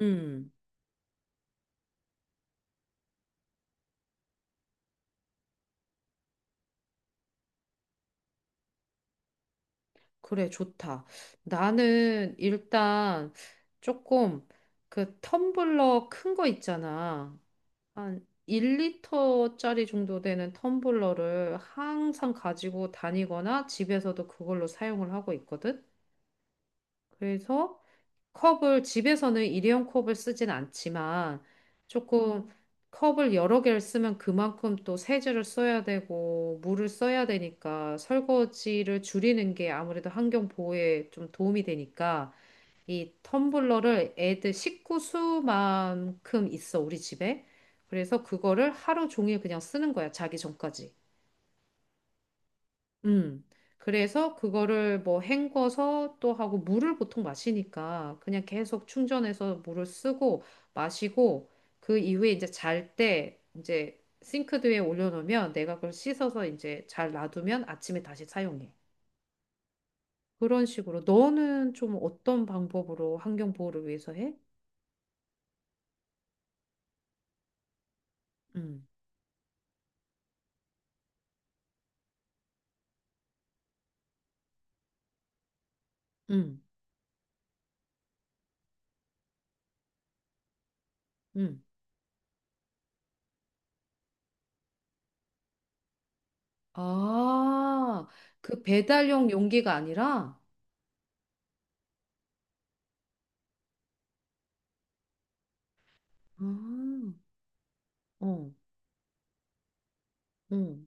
음, 그래, 좋다. 나는 일단 조금 그 텀블러 큰 거 있잖아. 한 1리터짜리 정도 되는 텀블러를 항상 가지고 다니거나 집에서도 그걸로 사용을 하고 있거든. 그래서 컵을 집에서는 일회용 컵을 쓰진 않지만 조금 컵을 여러 개를 쓰면 그만큼 또 세제를 써야 되고 물을 써야 되니까 설거지를 줄이는 게 아무래도 환경 보호에 좀 도움이 되니까 이 텀블러를 애들 식구 수만큼 있어 우리 집에. 그래서 그거를 하루 종일 그냥 쓰는 거야 자기 전까지. 음. 그래서 그거를 뭐 헹궈서 또 하고 물을 보통 마시니까 그냥 계속 충전해서 물을 쓰고 마시고 그 이후에 이제 잘 때 이제 싱크대 위에 올려놓으면 내가 그걸 씻어서 이제 잘 놔두면 아침에 다시 사용해. 그런 식으로. 너는 좀 어떤 방법으로 환경 보호를 위해서 해? 음, 음, 음. 아, 그 배달용 용기가 아니라? 아, 어, 응.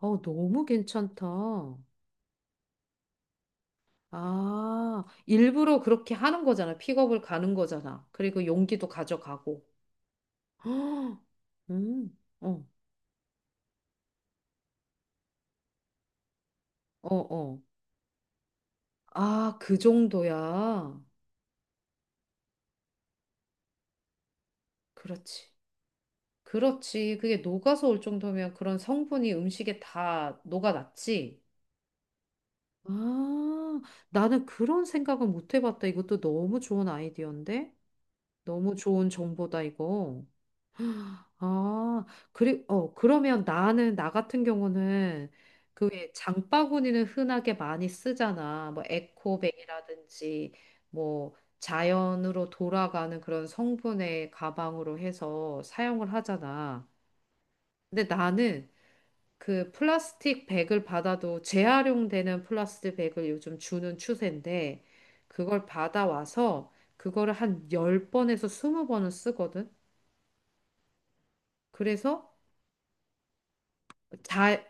어, 너무 괜찮다. 아, 일부러 그렇게 하는 거잖아. 픽업을 가는 거잖아. 그리고 용기도 가져가고. 헉, 음, 어, 어. 아, 그 정도야. 그렇지. 그렇지. 그게 녹아서 올 정도면 그런 성분이 음식에 다 녹아났지. 아, 나는 그런 생각을 못 해봤다. 이것도 너무 좋은 아이디어인데? 너무 좋은 정보다, 이거. 아, 그러면 나는, 나 같은 경우는 그왜 장바구니는 흔하게 많이 쓰잖아. 뭐 에코백이라든지 뭐 자연으로 돌아가는 그런 성분의 가방으로 해서 사용을 하잖아. 근데 나는 그 플라스틱 백을 받아도 재활용되는 플라스틱 백을 요즘 주는 추세인데 그걸 받아와서 그거를 한 10번에서 20번은 쓰거든. 그래서 자,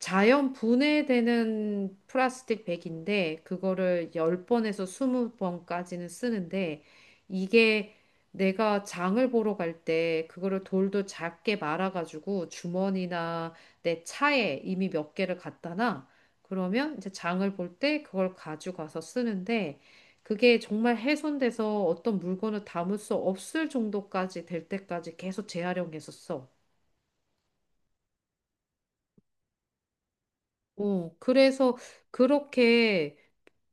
자연 분해되는 플라스틱 백인데 그거를 10번에서 20번까지는 쓰는데 이게 내가 장을 보러 갈 때 그거를 돌도 작게 말아가지고 주머니나 내 차에 이미 몇 개를 갖다 놔. 그러면 이제 장을 볼 때 그걸 가져가서 쓰는데 그게 정말 훼손돼서 어떤 물건을 담을 수 없을 정도까지 될 때까지 계속 재활용해서 써. 그래서 그렇게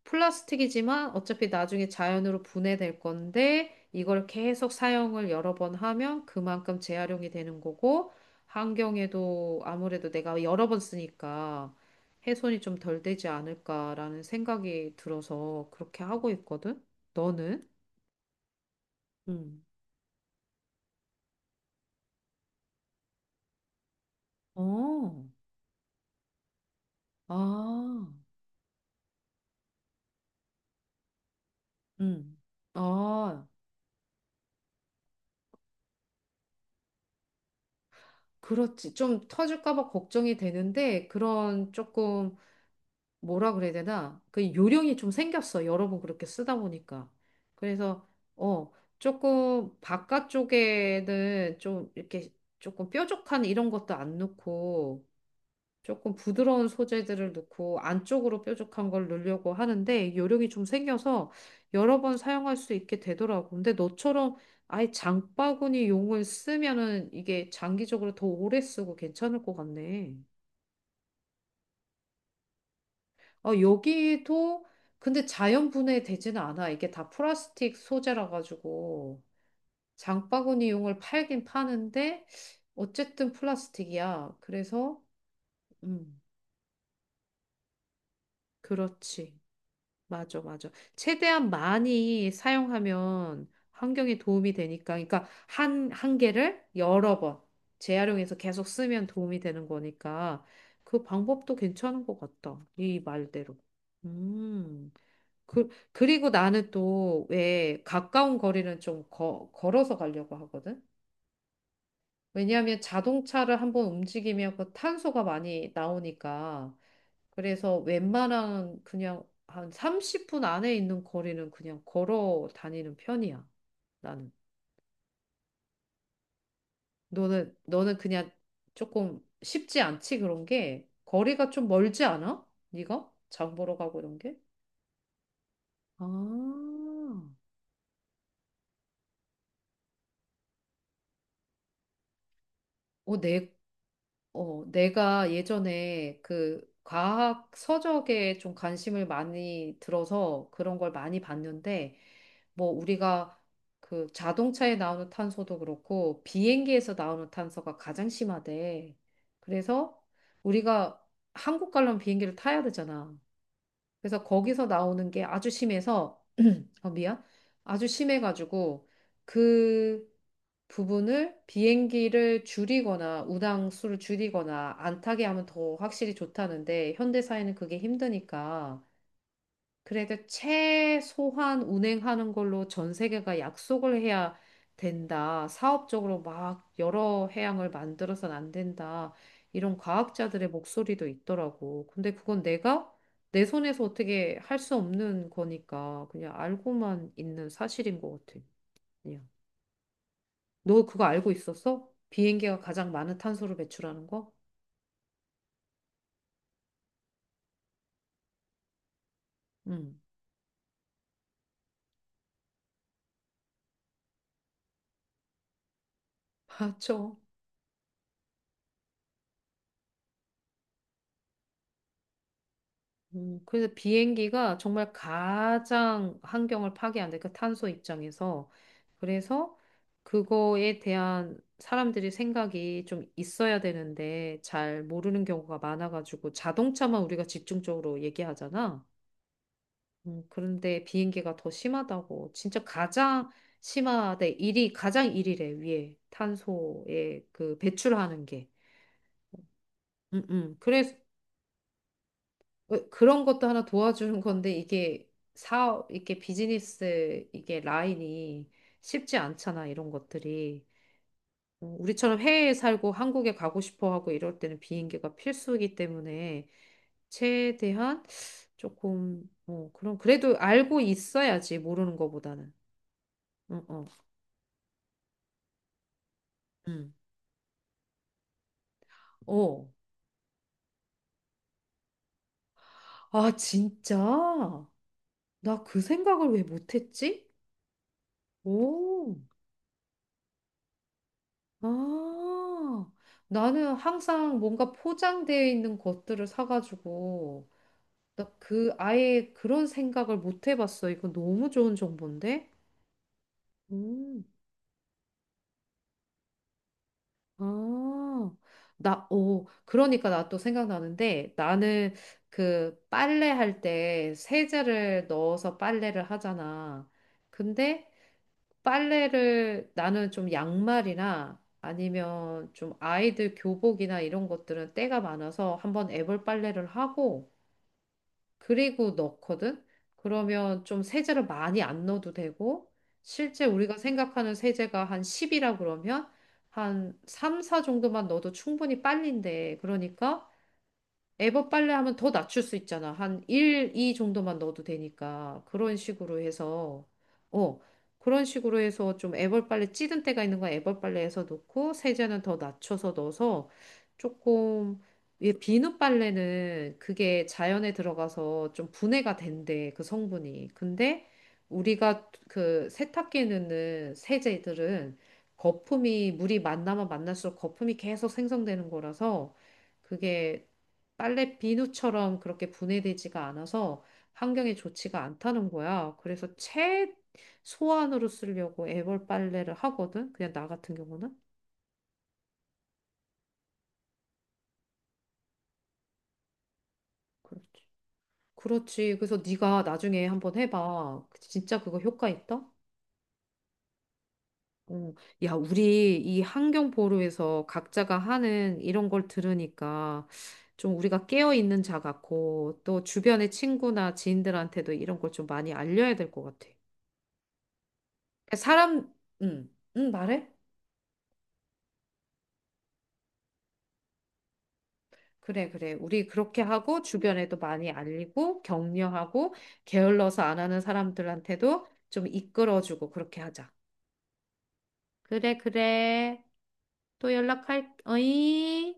플라스틱이지만 어차피 나중에 자연으로 분해될 건데 이걸 계속 사용을 여러 번 하면 그만큼 재활용이 되는 거고 환경에도 아무래도 내가 여러 번 쓰니까 훼손이 좀 덜 되지 않을까라는 생각이 들어서 그렇게 하고 있거든. 너는? 응. 어. 아. 응. 아. 그렇지. 좀 터질까 봐 걱정이 되는데 그런 조금 뭐라 그래야 되나? 그 요령이 좀 생겼어. 여러 번 그렇게 쓰다 보니까. 그래서, 어, 조금 바깥쪽에는 좀 이렇게 조금 뾰족한 이런 것도 안 넣고, 조금 부드러운 소재들을 넣고, 안쪽으로 뾰족한 걸 넣으려고 하는데, 요령이 좀 생겨서 여러 번 사용할 수 있게 되더라고. 근데 너처럼 아예 장바구니 용을 쓰면은 이게 장기적으로 더 오래 쓰고 괜찮을 것 같네. 어, 여기도 근데 자연 분해되지는 않아. 이게 다 플라스틱 소재라 가지고 장바구니용을 팔긴 파는데 어쨌든 플라스틱이야. 그래서 음, 그렇지. 맞아, 맞아. 최대한 많이 사용하면 환경에 도움이 되니까. 그러니까 한 개를 여러 번 재활용해서 계속 쓰면 도움이 되는 거니까 그 방법도 괜찮은 것 같다. 이 말대로. 음. 그리고 나는 또 왜 가까운 거리는 좀 걸어서 가려고 하거든? 왜냐하면 자동차를 한번 움직이면 그 탄소가 많이 나오니까. 그래서 웬만한 그냥 한 30분 안에 있는 거리는 그냥 걸어 다니는 편이야. 나는. 너는 그냥 조금 쉽지 않지, 그런 게? 거리가 좀 멀지 않아? 네가? 장 보러 가고 이런 게? 아, 어, 내, 내가 예전에 그 과학 서적에 좀 관심을 많이 들어서 그런 걸 많이 봤는데, 뭐 우리가 그 자동차에 나오는 탄소도 그렇고 비행기에서 나오는 탄소가 가장 심하대. 그래서 우리가 한국 가려면 비행기를 타야 되잖아. 그래서 거기서 나오는 게 아주 심해서, 어, 미안. 아주 심해가지고 그 부분을 비행기를 줄이거나 운항수를 줄이거나 안 타게 하면 더 확실히 좋다는데 현대 사회는 그게 힘드니까 그래도 최소한 운행하는 걸로 전 세계가 약속을 해야 된다. 사업적으로 막 여러 해양을 만들어서는 안 된다. 이런 과학자들의 목소리도 있더라고. 근데 그건 내가 내 손에서 어떻게 할 수 없는 거니까 그냥 알고만 있는 사실인 것 같아. 그냥. 너 그거 알고 있었어? 비행기가 가장 많은 탄소를 배출하는 거? 응. 맞아. 그래서 비행기가 정말 가장 환경을 파괴한다. 그 탄소 입장에서. 그래서 그거에 대한 사람들이 생각이 좀 있어야 되는데 잘 모르는 경우가 많아가지고 자동차만 우리가 집중적으로 얘기하잖아. 그런데 비행기가 더 심하다고. 진짜 가장 심하대. 일이 가장 일이래 위에 탄소에 그 배출하는 게. 음, 음. 왜- 그런 것도 하나 도와주는 건데 이게 사업, 이게 비즈니스, 이게 라인이 쉽지 않잖아, 이런 것들이. 어, 우리처럼 해외에 살고 한국에 가고 싶어 하고 이럴 때는 비행기가 필수이기 때문에 최대한 조금, 어, 그럼 그래도 알고 있어야지, 모르는 것보다는. 응, 어, 응. 어. 아, 진짜? 나 그 생각을 왜 못했지? 오. 아, 나는 항상 뭔가 포장되어 있는 것들을 사가지고, 아예 그런 생각을 못 해봤어. 이거 너무 좋은 정보인데? 음, 아, 그러니까 나 또 생각나는데, 나는 그 빨래할 때 세제를 넣어서 빨래를 하잖아. 근데 빨래를 나는 좀 양말이나 아니면 좀 아이들 교복이나 이런 것들은 때가 많아서 한번 애벌 빨래를 하고 그리고 넣거든? 그러면 좀 세제를 많이 안 넣어도 되고 실제 우리가 생각하는 세제가 한 10이라 그러면 한 3, 4 정도만 넣어도 충분히 빨린대. 그러니까 에버 빨래 하면 더 낮출 수 있잖아. 한 1, 2 정도만 넣어도 되니까. 어, 그런 식으로 해서 좀에벌 빨래 찌든 때가 있는 건에벌 빨래에서 넣고, 세제는 더 낮춰서 넣어서 조금, 이 비누 빨래는 그게 자연에 들어가서 좀 분해가 된대, 그 성분이. 근데 우리가 그 세탁기에 넣는 세제들은 거품이, 물이 만나면 만날수록 거품이 계속 생성되는 거라서 그게 빨래 비누처럼 그렇게 분해되지가 않아서 환경에 좋지가 않다는 거야. 그래서 최소한으로 쓰려고 애벌 빨래를 하거든. 그냥 나 같은 경우는. 그렇지. 그렇지. 그래서 네가 나중에 한번 해봐. 진짜 그거 효과 있다? 어. 야, 우리 이 환경 보루에서 각자가 하는 이런 걸 들으니까 좀 우리가 깨어 있는 자 같고 또 주변의 친구나 지인들한테도 이런 걸 좀 많이 알려야 될 것 같아. 사람, 응, 응, 말해? 그래, 그래. 우리 그렇게 하고 주변에도 많이 알리고 격려하고 게을러서 안 하는 사람들한테도 좀 이끌어주고 그렇게 하자. 그래, 그래. 또 연락할, 어이?